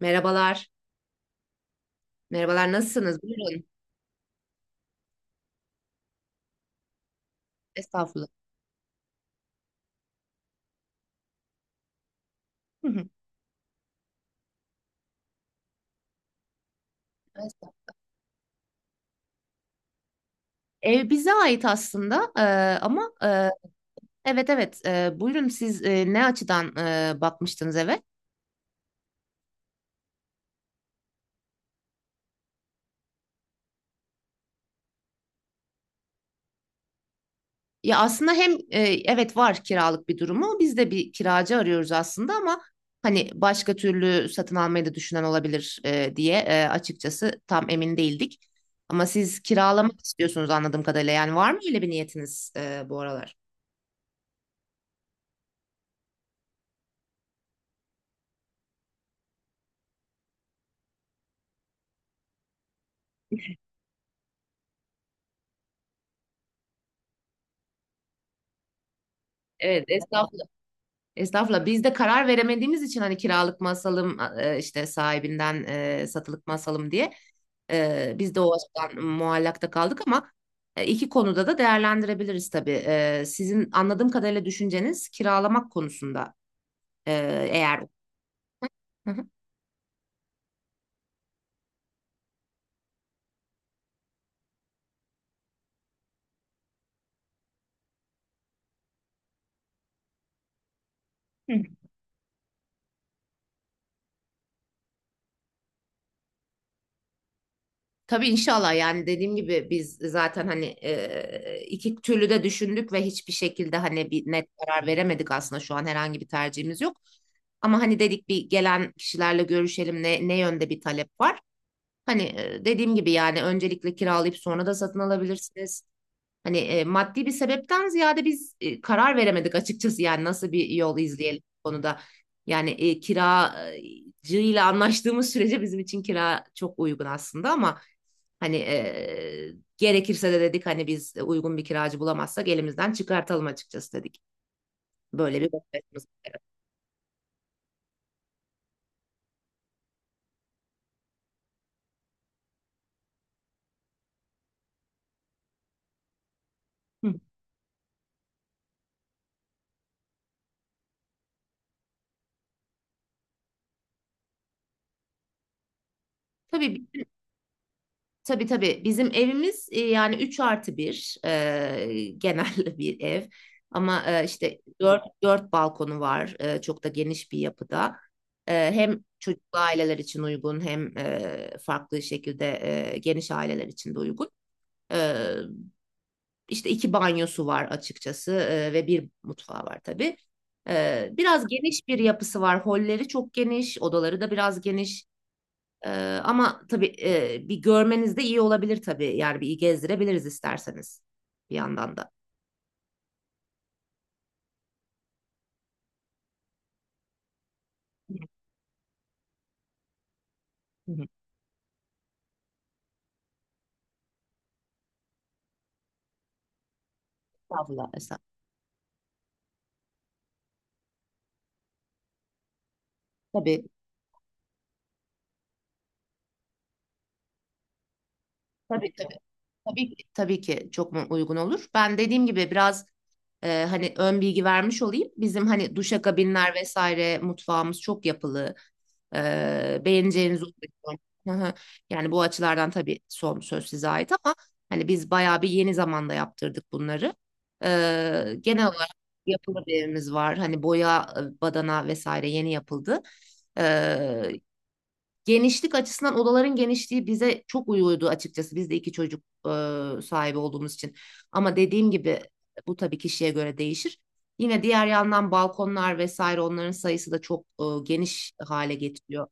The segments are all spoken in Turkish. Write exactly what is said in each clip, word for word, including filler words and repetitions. Merhabalar. Merhabalar, nasılsınız? Buyurun. Estağfurullah. Hı hı. Estağfurullah. Ev bize ait aslında, e, ama, e, evet evet, e, buyurun siz, e, ne açıdan e, bakmıştınız eve? Ya aslında hem, e, evet var kiralık bir durumu, biz de bir kiracı arıyoruz aslında, ama hani başka türlü satın almayı da düşünen olabilir e, diye, e, açıkçası tam emin değildik. Ama siz kiralamak istiyorsunuz anladığım kadarıyla, yani var mı öyle bir niyetiniz e, bu aralar? Evet, estağfurullah. Estağfurullah. Biz de karar veremediğimiz için hani kiralık mı asalım, e, işte sahibinden, e, satılık mı asalım diye, e, biz de o açıdan muallakta kaldık ama, e, iki konuda da değerlendirebiliriz tabii. E, sizin anladığım kadarıyla düşünceniz kiralamak konusunda, e, eğer. Hı hı. Tabii, inşallah, yani dediğim gibi biz zaten hani, e, iki türlü de düşündük ve hiçbir şekilde hani bir net karar veremedik aslında, şu an herhangi bir tercihimiz yok. Ama hani dedik, bir gelen kişilerle görüşelim ne, ne yönde bir talep var. Hani, e, dediğim gibi, yani öncelikle kiralayıp sonra da satın alabilirsiniz. Hani, e, maddi bir sebepten ziyade biz, e, karar veremedik açıkçası, yani nasıl bir yol izleyelim bu konuda. Yani, e, kiracıyla anlaştığımız sürece bizim için kira çok uygun aslında, ama hani, e, gerekirse de dedik hani biz uygun bir kiracı bulamazsak elimizden çıkartalım açıkçası dedik. Böyle bir bakışımız var. Hı. Tabii, tabii, tabii. Bizim evimiz, e, yani üç artı bir genel bir ev. Ama, e, işte dört dört balkonu var. E, çok da geniş bir yapıda. E, hem çocuklu aileler için uygun hem, e, farklı şekilde, e, geniş aileler için de uygun. E, işte iki banyosu var açıkçası, e, ve bir mutfağı var tabii. E, biraz geniş bir yapısı var. Holleri çok geniş, odaları da biraz geniş. Ee, Ama tabii, e, bir görmeniz de iyi olabilir tabii. Yani bir iyi gezdirebiliriz isterseniz bir yandan da. Hı hı. Estağfurullah, estağfurullah. Tabii, tabii, tabii. Tabii ki, tabii ki çok mu- uygun olur. Ben dediğim gibi biraz, e, hani ön bilgi vermiş olayım. Bizim hani duşakabinler vesaire mutfağımız çok yapılı. E, beğeneceğinizi umuyorum. Hı hı. Yani bu açılardan tabii son söz size ait, ama hani biz bayağı bir yeni zamanda yaptırdık bunları. E, genel olarak yapılı bir evimiz var. Hani boya, e, badana vesaire yeni yapıldı. E, Genişlik açısından odaların genişliği bize çok uyuyordu açıkçası. Biz de iki çocuk e, sahibi olduğumuz için. Ama dediğim gibi bu tabii kişiye göre değişir. Yine diğer yandan balkonlar vesaire onların sayısı da çok, e, geniş hale getiriyor,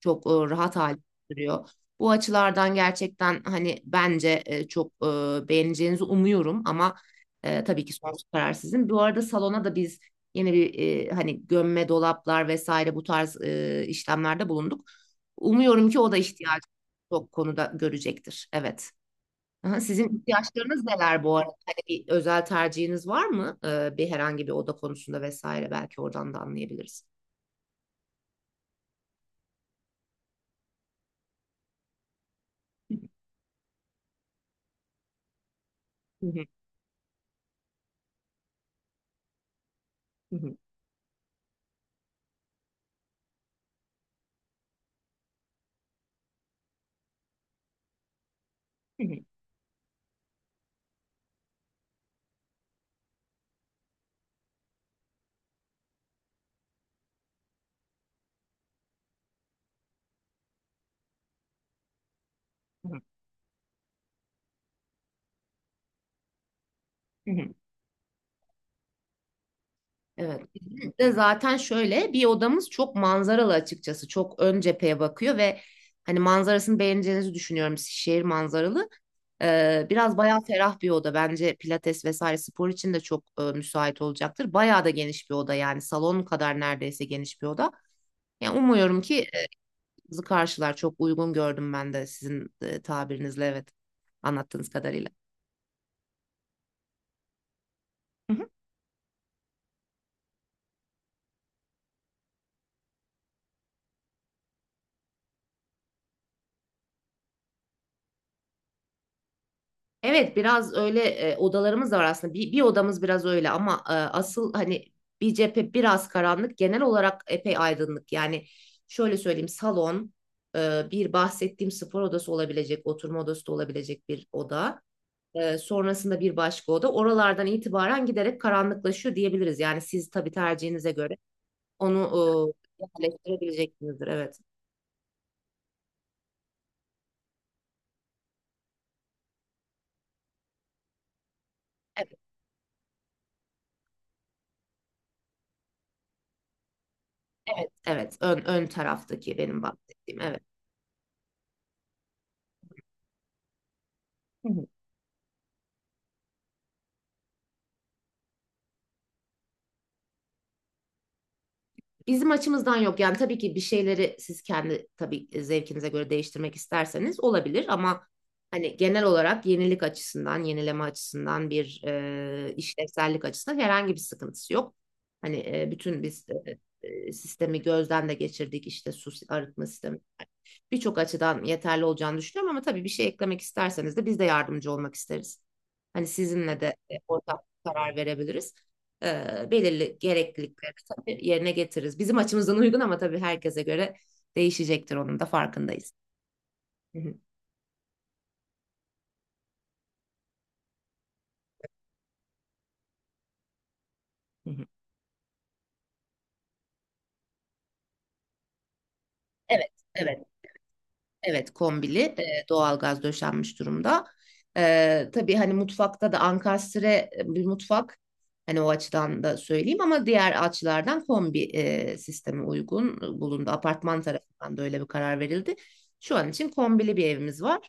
çok e, rahat hale getiriyor. Bu açılardan gerçekten hani bence, e, çok e, beğeneceğinizi umuyorum ama, e, tabii ki son karar sizin. Bu arada salona da biz yeni bir, e, hani gömme dolaplar vesaire bu tarz e, işlemlerde bulunduk. Umuyorum ki o da ihtiyacı çok konuda görecektir. Evet. Aha, sizin ihtiyaçlarınız neler bu arada? Hani bir özel tercihiniz var mı? Ee, bir herhangi bir oda konusunda vesaire belki oradan da anlayabiliriz. Hı hı, hı hı, hı hı, hı hı, hı hı. Evet. Bizim de zaten şöyle bir odamız çok manzaralı açıkçası. Çok ön cepheye bakıyor ve hani manzarasını beğeneceğinizi düşünüyorum. Şehir manzaralı. Ee, biraz bayağı ferah bir oda. Bence pilates vesaire spor için de çok e, müsait olacaktır. Bayağı da geniş bir oda, yani salon kadar neredeyse geniş bir oda. Yani umuyorum ki, e, bizi karşılar. Çok uygun gördüm ben de sizin, e, tabirinizle, evet, anlattığınız kadarıyla. Evet, biraz öyle, e, odalarımız da var aslında. Bir, bir odamız biraz öyle, ama, e, asıl hani bir cephe biraz karanlık. Genel olarak epey aydınlık. Yani şöyle söyleyeyim, salon, e, bir bahsettiğim spor odası olabilecek, oturma odası da olabilecek bir oda. E, sonrasında bir başka oda. Oralardan itibaren giderek karanlıklaşıyor diyebiliriz. Yani siz tabii tercihinize göre onu, e, yerleştirebileceksinizdir. Evet. Evet, evet, evet. Ön, ön taraftaki benim bahsettiğim. Evet. Hı hı. Bizim açımızdan yok. Yani tabii ki bir şeyleri siz kendi tabii, e, zevkinize göre değiştirmek isterseniz olabilir, ama hani genel olarak yenilik açısından, yenileme açısından, bir e, işlevsellik açısından herhangi bir sıkıntısı yok. Hani, e, bütün biz, e, e, sistemi gözden de geçirdik, işte su si-, arıtma sistemi. Birçok açıdan yeterli olacağını düşünüyorum, ama tabii bir şey eklemek isterseniz de biz de yardımcı olmak isteriz. Hani sizinle de, e, ortak karar verebiliriz. E, belirli gereklilik yerine getiririz. Bizim açımızdan uygun, ama tabii herkese göre değişecektir, onun da farkındayız. Hı hı, hı hı. Evet, evet, evet, kombili e, doğalgaz döşenmiş durumda. E, tabii hani mutfakta da ankastre, e, bir mutfak, hani o açıdan da söyleyeyim, ama diğer açılardan kombi e, sistemi uygun bulundu. Apartman tarafından da öyle bir karar verildi. Şu an için kombili bir evimiz var.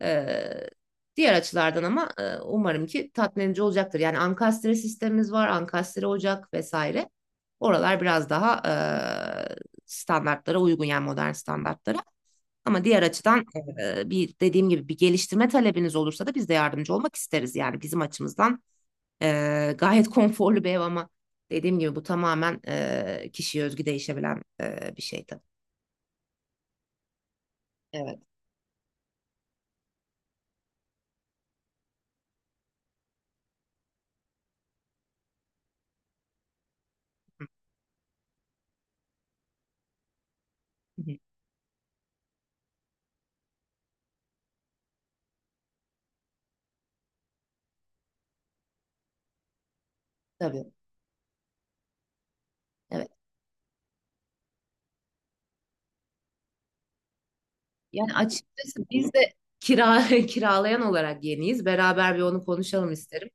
Eee, Diğer açılardan ama, eee, umarım ki tatmin edici olacaktır. Yani ankastre sistemimiz var, ankastre ocak vesaire. Oralar biraz daha, eee, standartlara uygun, yani modern standartlara. Ama diğer açıdan, eee, bir dediğim gibi bir geliştirme talebiniz olursa da biz de yardımcı olmak isteriz. Yani bizim açımızdan, eee, gayet konforlu bir ev, ama dediğim gibi bu tamamen eee kişiye özgü değişebilen, eee, bir şey tabii. Evet. Hı hı. Tabii. Evet. Yani açıkçası biz de kira kiralayan olarak yeniyiz. Beraber bir onu konuşalım isterim.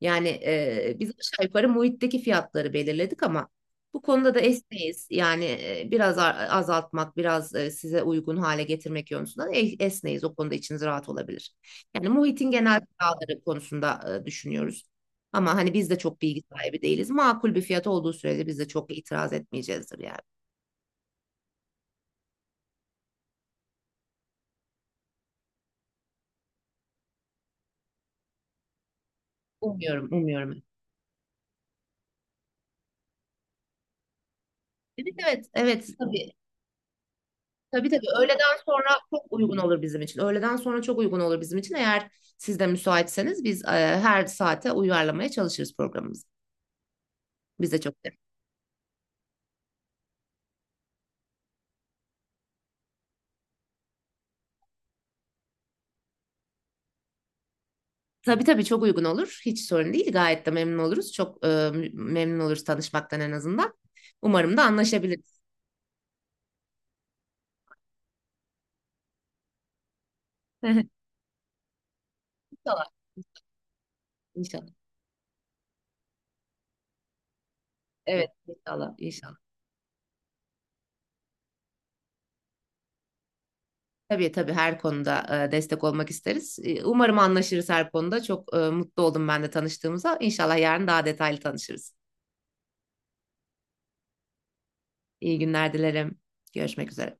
Yani, e, biz aşağı yukarı muhitteki fiyatları belirledik, ama bu konuda da esneyiz. Yani, e, biraz a- azaltmak, biraz, e, size uygun hale getirmek yönünden, e- esneyiz. O konuda içiniz rahat olabilir. Yani muhitin genel kiraları konusunda, e, düşünüyoruz. Ama hani biz de çok bilgi sahibi değiliz. Makul bir fiyat olduğu sürece biz de çok itiraz etmeyeceğizdir yani. Umuyorum, umuyorum. Evet, evet, evet. Tabii, tabii, tabii, öğleden sonra çok uygun olur bizim için. Öğleden sonra çok uygun olur bizim için. Eğer siz de müsaitseniz biz, e, her saate uyarlamaya çalışırız programımızı. Biz de çok de. Tabii, tabii, çok uygun olur. Hiç sorun değil. Gayet de memnun oluruz. Çok, e, mü- memnun oluruz tanışmaktan en azından. Umarım da anlaşabiliriz. İnşallah. İnşallah. Evet, inşallah, inşallah. Tabii, tabii, her konuda, e, destek olmak isteriz. E, umarım anlaşırız her konuda. Çok, e, mutlu oldum ben de tanıştığımıza. İnşallah yarın daha detaylı tanışırız. İyi günler dilerim. Görüşmek üzere.